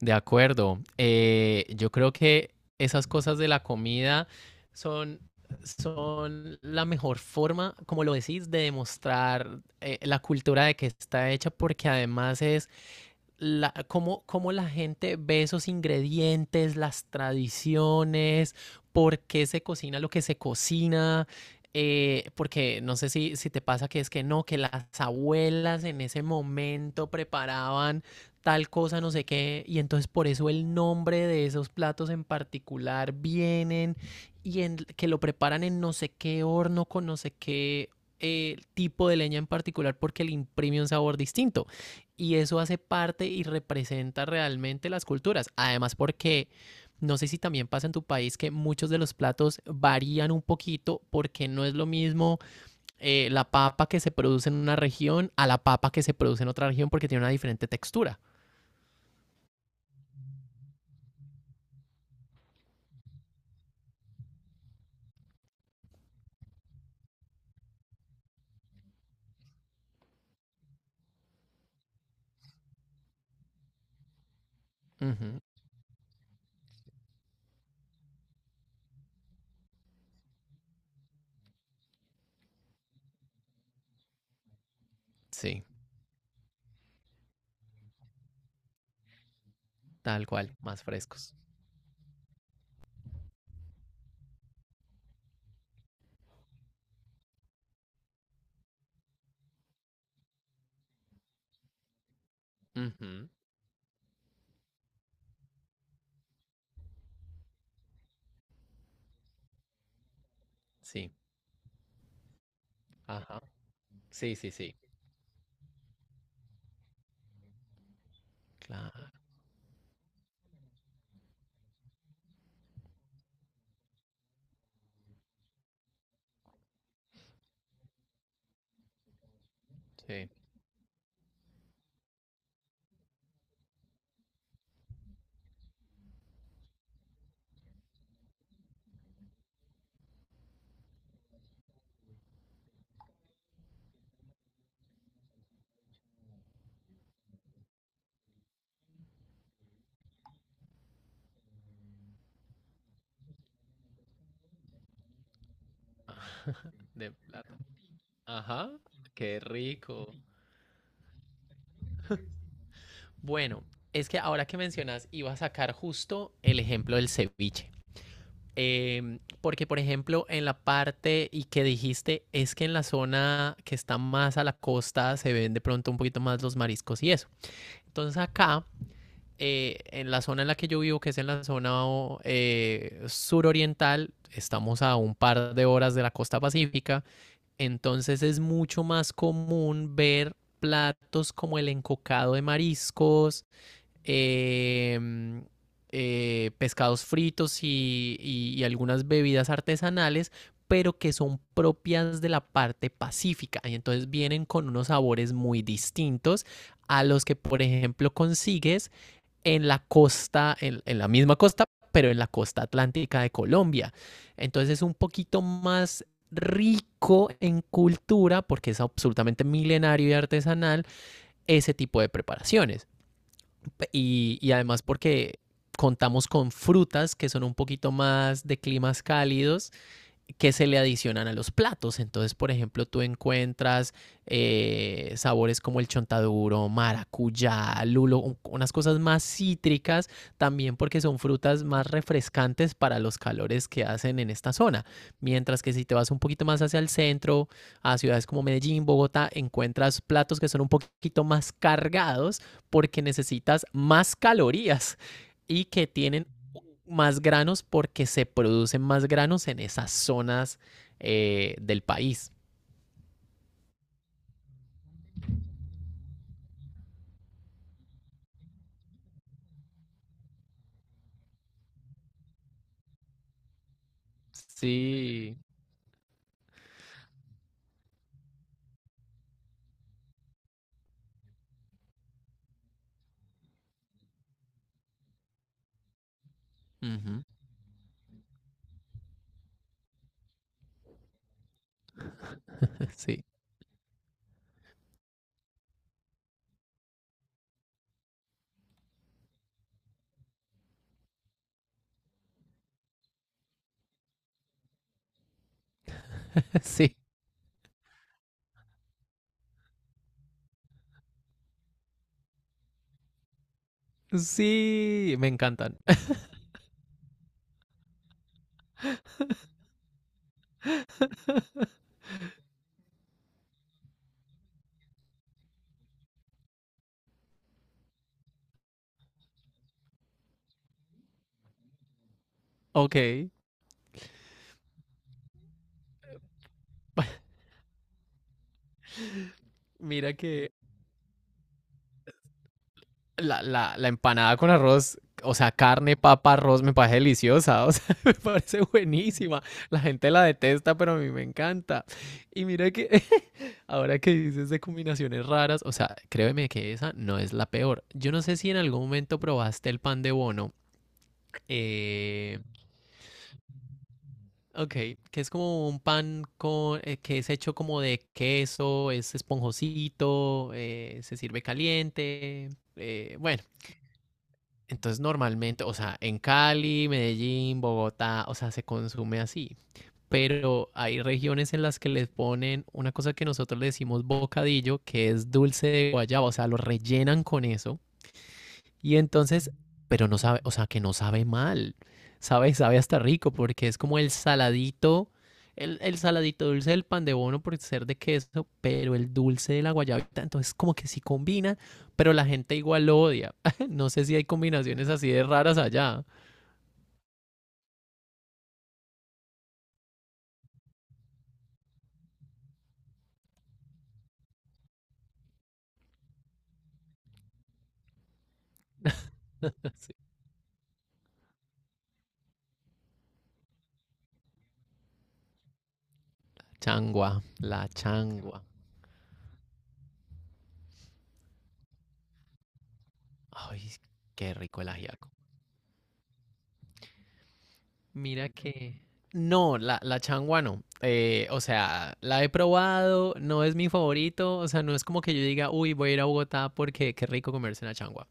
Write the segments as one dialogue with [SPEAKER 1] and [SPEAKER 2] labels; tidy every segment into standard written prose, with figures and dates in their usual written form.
[SPEAKER 1] De acuerdo. Yo creo que esas cosas de la comida son, son la mejor forma, como lo decís, de demostrar la cultura de que está hecha, porque además es la, cómo, cómo la gente ve esos ingredientes, las tradiciones, por qué se cocina lo que se cocina. Porque no sé si te pasa que es que no, que las abuelas en ese momento preparaban tal cosa, no sé qué, y entonces por eso el nombre de esos platos en particular vienen y en, que lo preparan en no sé qué horno con no sé qué tipo de leña en particular porque le imprime un sabor distinto y eso hace parte y representa realmente las culturas. Además, porque no sé si también pasa en tu país que muchos de los platos varían un poquito porque no es lo mismo la papa que se produce en una región a la papa que se produce en otra región porque tiene una diferente textura. Ujú. Sí, tal cual, más frescos. Ujú. Sí, ajá. Sí, sí, sí. Claro, sí. Ah, de plátano. Ajá, qué rico. Bueno, es que ahora que mencionas, iba a sacar justo el ejemplo del ceviche. Porque, por ejemplo, en la parte y que dijiste, es que en la zona que está más a la costa se ven de pronto un poquito más los mariscos y eso. Entonces acá, en la zona en la que yo vivo, que es en la zona suroriental, estamos a un par de horas de la costa pacífica, entonces es mucho más común ver platos como el encocado de mariscos, eh, pescados fritos y algunas bebidas artesanales, pero que son propias de la parte pacífica. Y entonces vienen con unos sabores muy distintos a los que, por ejemplo, consigues en la costa, en la misma costa, pero en la costa atlántica de Colombia. Entonces es un poquito más rico en cultura porque es absolutamente milenario y artesanal ese tipo de preparaciones. Y además porque contamos con frutas que son un poquito más de climas cálidos que se le adicionan a los platos. Entonces, por ejemplo, tú encuentras sabores como el chontaduro, maracuyá, lulo, unas cosas más cítricas, también porque son frutas más refrescantes para los calores que hacen en esta zona. Mientras que si te vas un poquito más hacia el centro, a ciudades como Medellín, Bogotá, encuentras platos que son un poquito más cargados porque necesitas más calorías y que tienen más granos porque se producen más granos en esas zonas del país. Sí. Ujú. Sí, sí, sí, me encantan. Ok, mira que la, la empanada con arroz, o sea, carne, papa, arroz, me parece deliciosa, o sea, me parece buenísima. La gente la detesta, pero a mí me encanta. Y mira que ahora que dices de combinaciones raras, o sea, créeme que esa no es la peor. Yo no sé si en algún momento probaste el pan de bono. Eh, ok, que es como un pan con, que es hecho como de queso, es esponjosito, se sirve caliente. Bueno. Entonces normalmente, o sea, en Cali, Medellín, Bogotá, o sea, se consume así. Pero hay regiones en las que les ponen una cosa que nosotros le decimos bocadillo, que es dulce de guayaba, o sea, lo rellenan con eso. Y entonces, pero no sabe, o sea, que no sabe mal. Sabe, sabe hasta rico porque es como el saladito dulce del pan de bono por ser de queso, pero el dulce de la guayabita. Entonces, como que sí combina, pero la gente igual lo odia. No sé si hay combinaciones así de raras allá. Changua, la changua. Ay, qué rico el ajiaco. Mira que... No, la changua no. O sea, la he probado, no es mi favorito. O sea, no es como que yo diga, uy, voy a ir a Bogotá porque qué rico comerse una changua.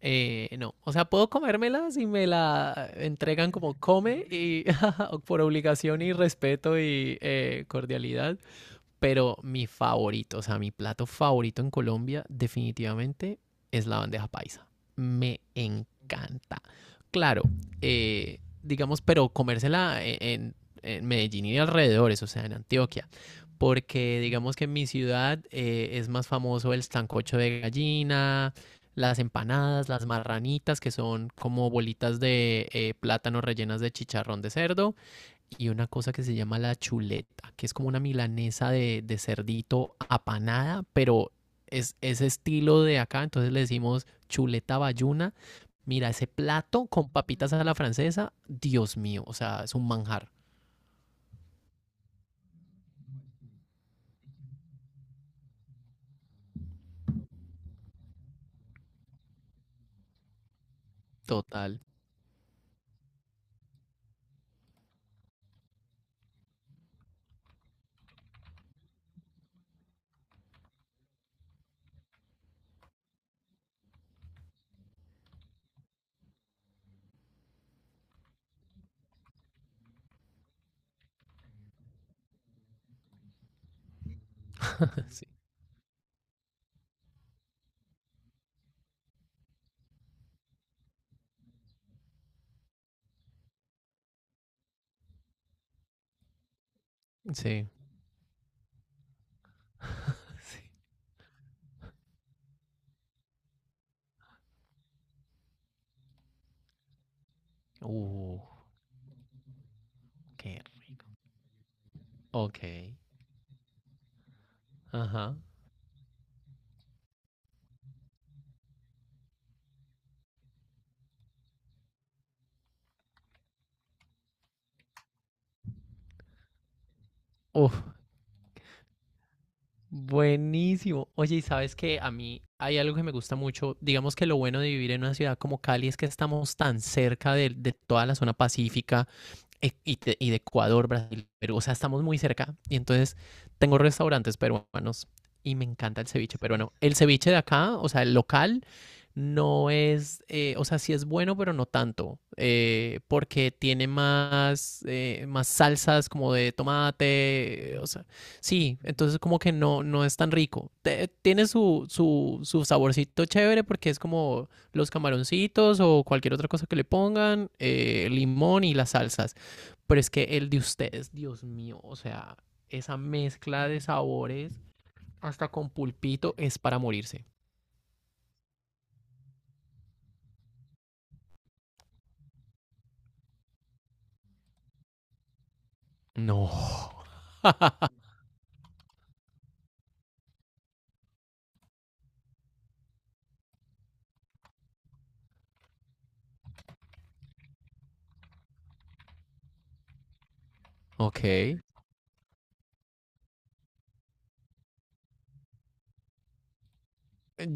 [SPEAKER 1] No, o sea, puedo comérmela si me la entregan como come y por obligación y respeto y cordialidad. Pero mi favorito, o sea, mi plato favorito en Colombia definitivamente es la bandeja paisa. Me encanta. Claro, digamos, pero comérsela en Medellín y alrededores, o sea, en Antioquia porque digamos que en mi ciudad es más famoso el sancocho de gallina, las empanadas, las marranitas, que son como bolitas de plátano rellenas de chicharrón de cerdo, y una cosa que se llama la chuleta, que es como una milanesa de cerdito apanada, pero es ese estilo de acá, entonces le decimos chuleta bayuna. Mira, ese plato con papitas a la francesa, Dios mío, o sea, es un manjar total. Sí, sí, sí. Uh, ok, ok, ajá. Uf, buenísimo. Oye, y sabes que a mí hay algo que me gusta mucho. Digamos que lo bueno de vivir en una ciudad como Cali es que estamos tan cerca de toda la zona pacífica y de Ecuador, Brasil, Perú. O sea, estamos muy cerca. Y entonces tengo restaurantes peruanos y me encanta el ceviche peruano. El ceviche de acá, o sea, el local, no es, o sea, sí es bueno, pero no tanto, porque tiene más, más salsas como de tomate, o sea, sí, entonces como que no, no es tan rico. Te- tiene su, su, su saborcito chévere porque es como los camaroncitos o cualquier otra cosa que le pongan, limón y las salsas, pero es que el de ustedes, Dios mío, o sea, esa mezcla de sabores hasta con pulpito es para morirse. No, ok.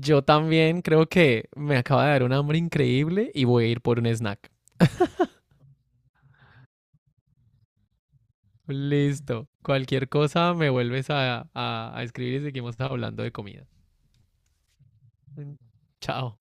[SPEAKER 1] Yo también creo que me acaba de dar un hambre increíble y voy a ir por un snack. Listo. Cualquier cosa me vuelves a escribir y seguimos hablando de comida. Chao.